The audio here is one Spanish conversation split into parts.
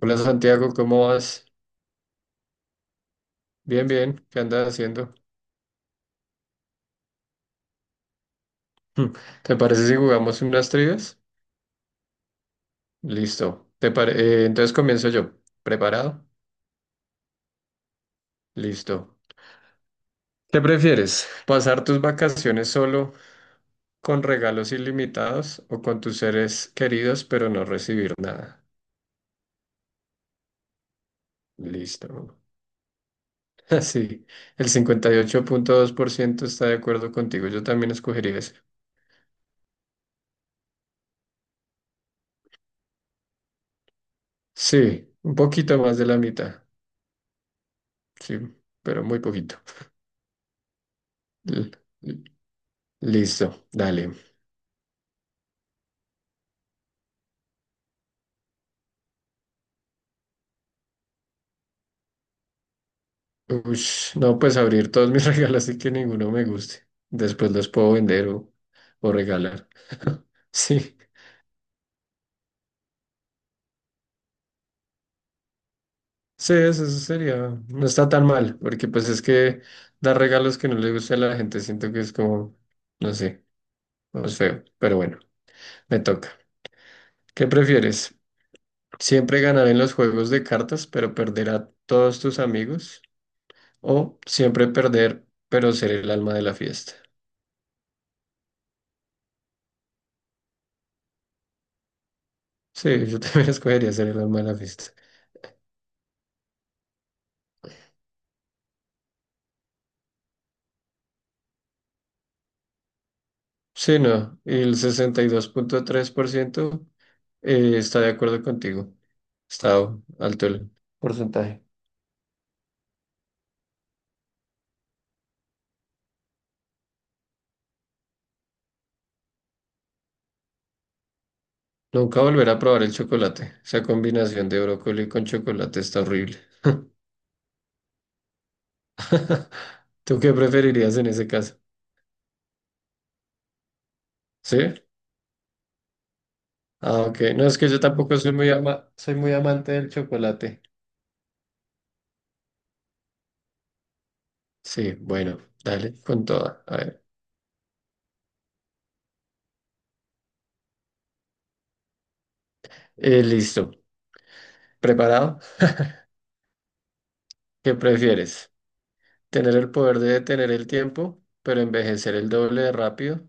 Hola Santiago, ¿cómo vas? Bien, bien, ¿qué andas haciendo? Hmm, ¿Te parece si jugamos unas trivias? Listo. Entonces comienzo yo. ¿Preparado? Listo. ¿Qué prefieres? ¿Pasar tus vacaciones solo con regalos ilimitados o con tus seres queridos pero no recibir nada? Listo. Sí, el 58.2% está de acuerdo contigo. Yo también escogería eso. Sí, un poquito más de la mitad. Sí, pero muy poquito. L- Listo, dale. Ush, no, pues abrir todos mis regalos y que ninguno me guste. Después los puedo vender o regalar. Sí, sí, eso sería. No está tan mal, porque pues es que dar regalos que no le guste a la gente siento que es como, no sé, es feo. Pero bueno, me toca. ¿Qué prefieres? ¿Siempre ganar en los juegos de cartas, pero perder a todos tus amigos? ¿O siempre perder, pero ser el alma de la fiesta? Sí, yo también escogería ser el alma de la fiesta. Sí, no, y el 62.3% está de acuerdo contigo. Está alto el porcentaje. Nunca volver a probar el chocolate. Esa combinación de brócoli con chocolate está horrible. ¿Tú qué preferirías en ese caso? ¿Sí? Ah, ok. No, es que yo tampoco soy soy muy amante del chocolate. Sí, bueno, dale con toda. A ver. Listo. ¿Preparado? ¿Qué prefieres? ¿Tener el poder de detener el tiempo, pero envejecer el doble de rápido?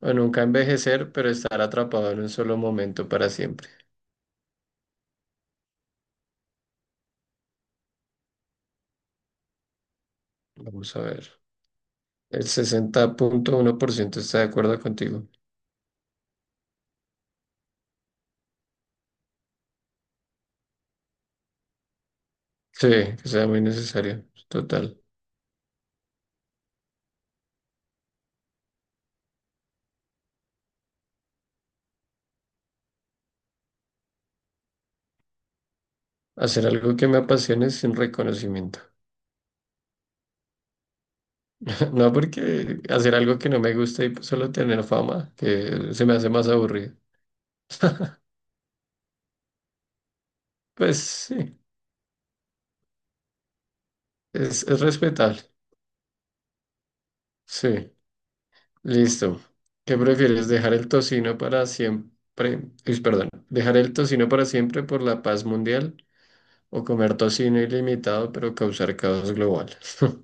O nunca envejecer, pero estar atrapado en un solo momento para siempre. Vamos a ver. El 60.1% está de acuerdo contigo. Sí, que sea muy necesario. Total. Hacer algo que me apasione sin reconocimiento. No porque hacer algo que no me gusta y solo tener fama, que se me hace más aburrido. Pues sí, es respetable. Sí, listo. ¿Qué prefieres? ¿Dejar el tocino para siempre? Uy, perdón. ¿Dejar el tocino para siempre por la paz mundial o comer tocino ilimitado, pero causar caos global?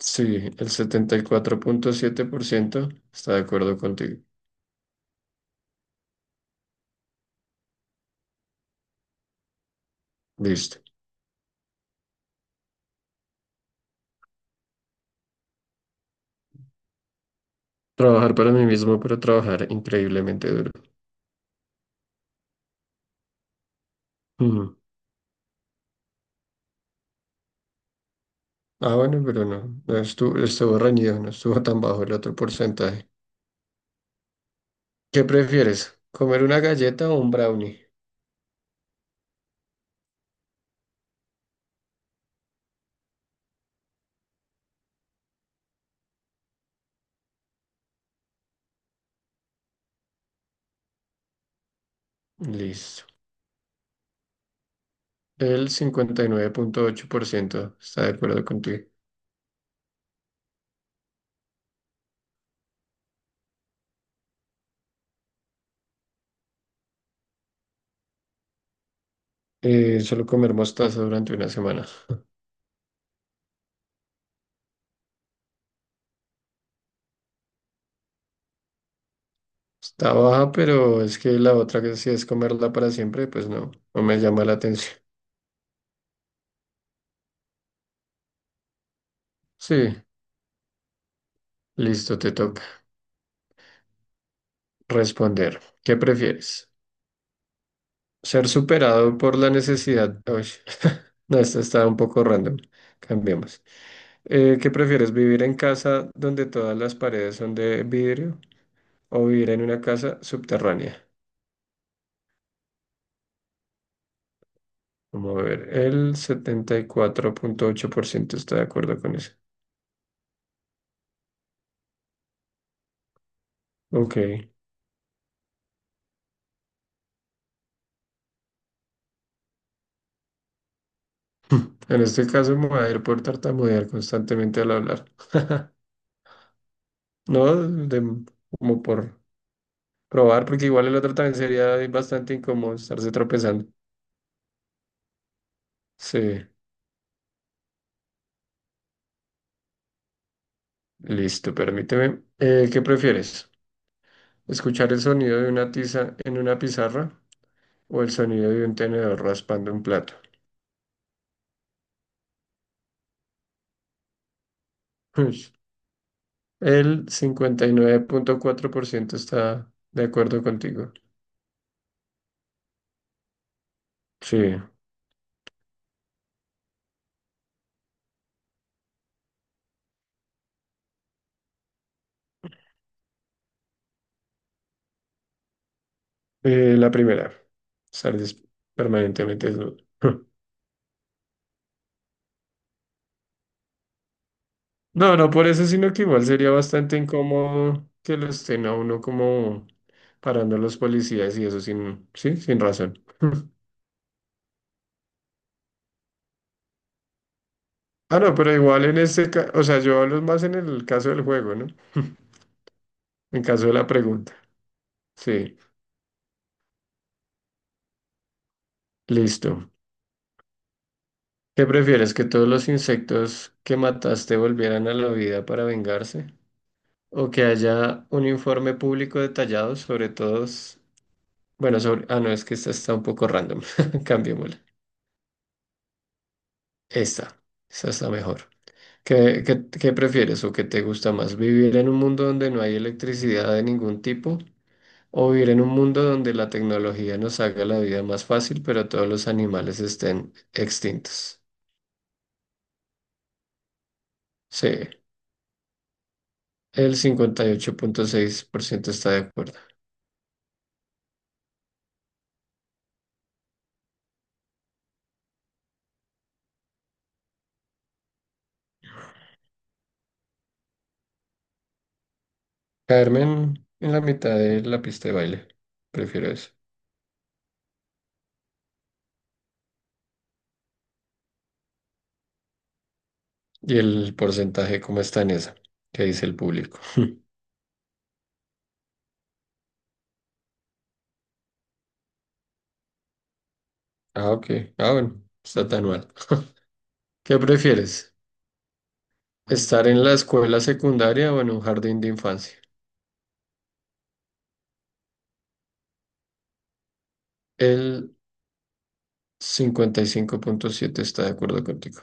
Sí, el 74.7% está de acuerdo contigo. Listo. Trabajar para mí mismo, pero trabajar increíblemente duro. Ujú. Ah, bueno, pero no, no estuvo reñido, no estuvo tan bajo el otro porcentaje. ¿Qué prefieres? ¿Comer una galleta o un brownie? Listo. El 59.8% está de acuerdo contigo. Solo comer mostaza durante una semana. Está baja, pero es que la otra que si es comerla para siempre, pues no, no me llama la atención. Sí, listo, te toca responder. ¿Qué prefieres? ¿Ser superado por la necesidad? Uy, no, esta está un poco random. Cambiemos. ¿Qué prefieres? ¿Vivir en casa donde todas las paredes son de vidrio o vivir en una casa subterránea? Vamos a ver, el 74.8% está de acuerdo con eso. Ok. En este caso me voy a ir por tartamudear constantemente al hablar. No, como por probar, porque igual el otro también sería bastante incómodo estarse tropezando. Sí, listo, permíteme. ¿Qué prefieres? ¿Escuchar el sonido de una tiza en una pizarra o el sonido de un tenedor raspando un plato? Ush. El 59.4% está de acuerdo contigo. Sí, la primera, estar permanentemente desnudo. No, no por eso, sino que igual sería bastante incómodo que lo estén a uno como parando los policías y eso sin, sí, sin razón. Ah, no, pero igual en este caso, o sea, yo hablo más en el caso del juego, ¿no? En caso de la pregunta. Sí, listo. ¿Qué prefieres? ¿Que todos los insectos que mataste volvieran a la vida para vengarse? ¿O que haya un informe público detallado sobre todos? Bueno, sobre. Ah, no, es que esta está un poco random. Cambiémosla. Esta. Esta está mejor. ¿Qué prefieres o qué te gusta más? ¿Vivir en un mundo donde no hay electricidad de ningún tipo o vivir en un mundo donde la tecnología nos haga la vida más fácil, pero todos los animales estén extintos? Sí, el 58.6% está de acuerdo. Caerme en la mitad de la pista de baile, prefiero eso. ¿Y el porcentaje cómo está en esa? ¿Qué dice el público? Ah, ok. Ah, bueno, está tan mal. ¿Qué prefieres? Estar en la escuela secundaria o en un jardín de infancia. El 55.7 está de acuerdo contigo.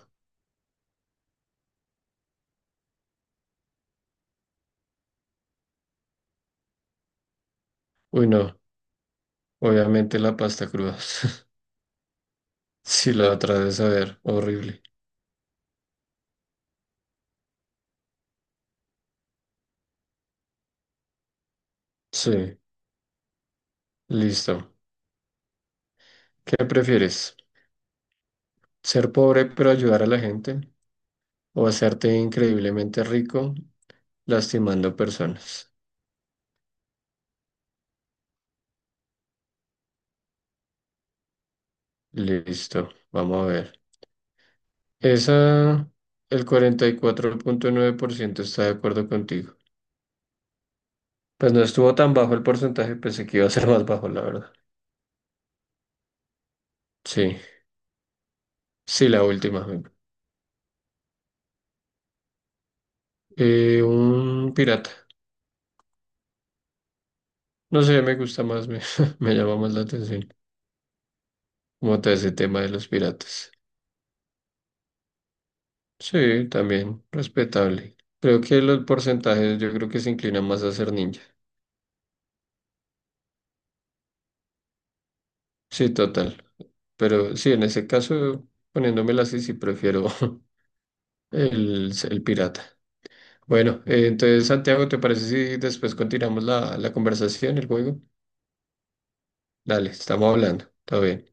Uy, no. Obviamente la pasta cruda. Si la otra de saber, horrible. Sí, listo. ¿Qué prefieres? ¿Ser pobre pero ayudar a la gente? ¿O hacerte increíblemente rico lastimando personas? Listo, vamos a ver. Esa, el 44.9% está de acuerdo contigo. Pues no estuvo tan bajo el porcentaje, pensé que iba a ser más bajo, la verdad. Sí, sí, la última. Un pirata. No sé, me gusta más, me, me llama más la atención. Como todo ese tema de los piratas. Sí, también, respetable. Creo que los porcentajes yo creo que se inclinan más a ser ninja. Sí, total. Pero sí, en ese caso, poniéndomela así, sí prefiero el pirata. Bueno, entonces, Santiago, ¿te parece si después continuamos la conversación, el juego? Dale, estamos hablando. Todo bien.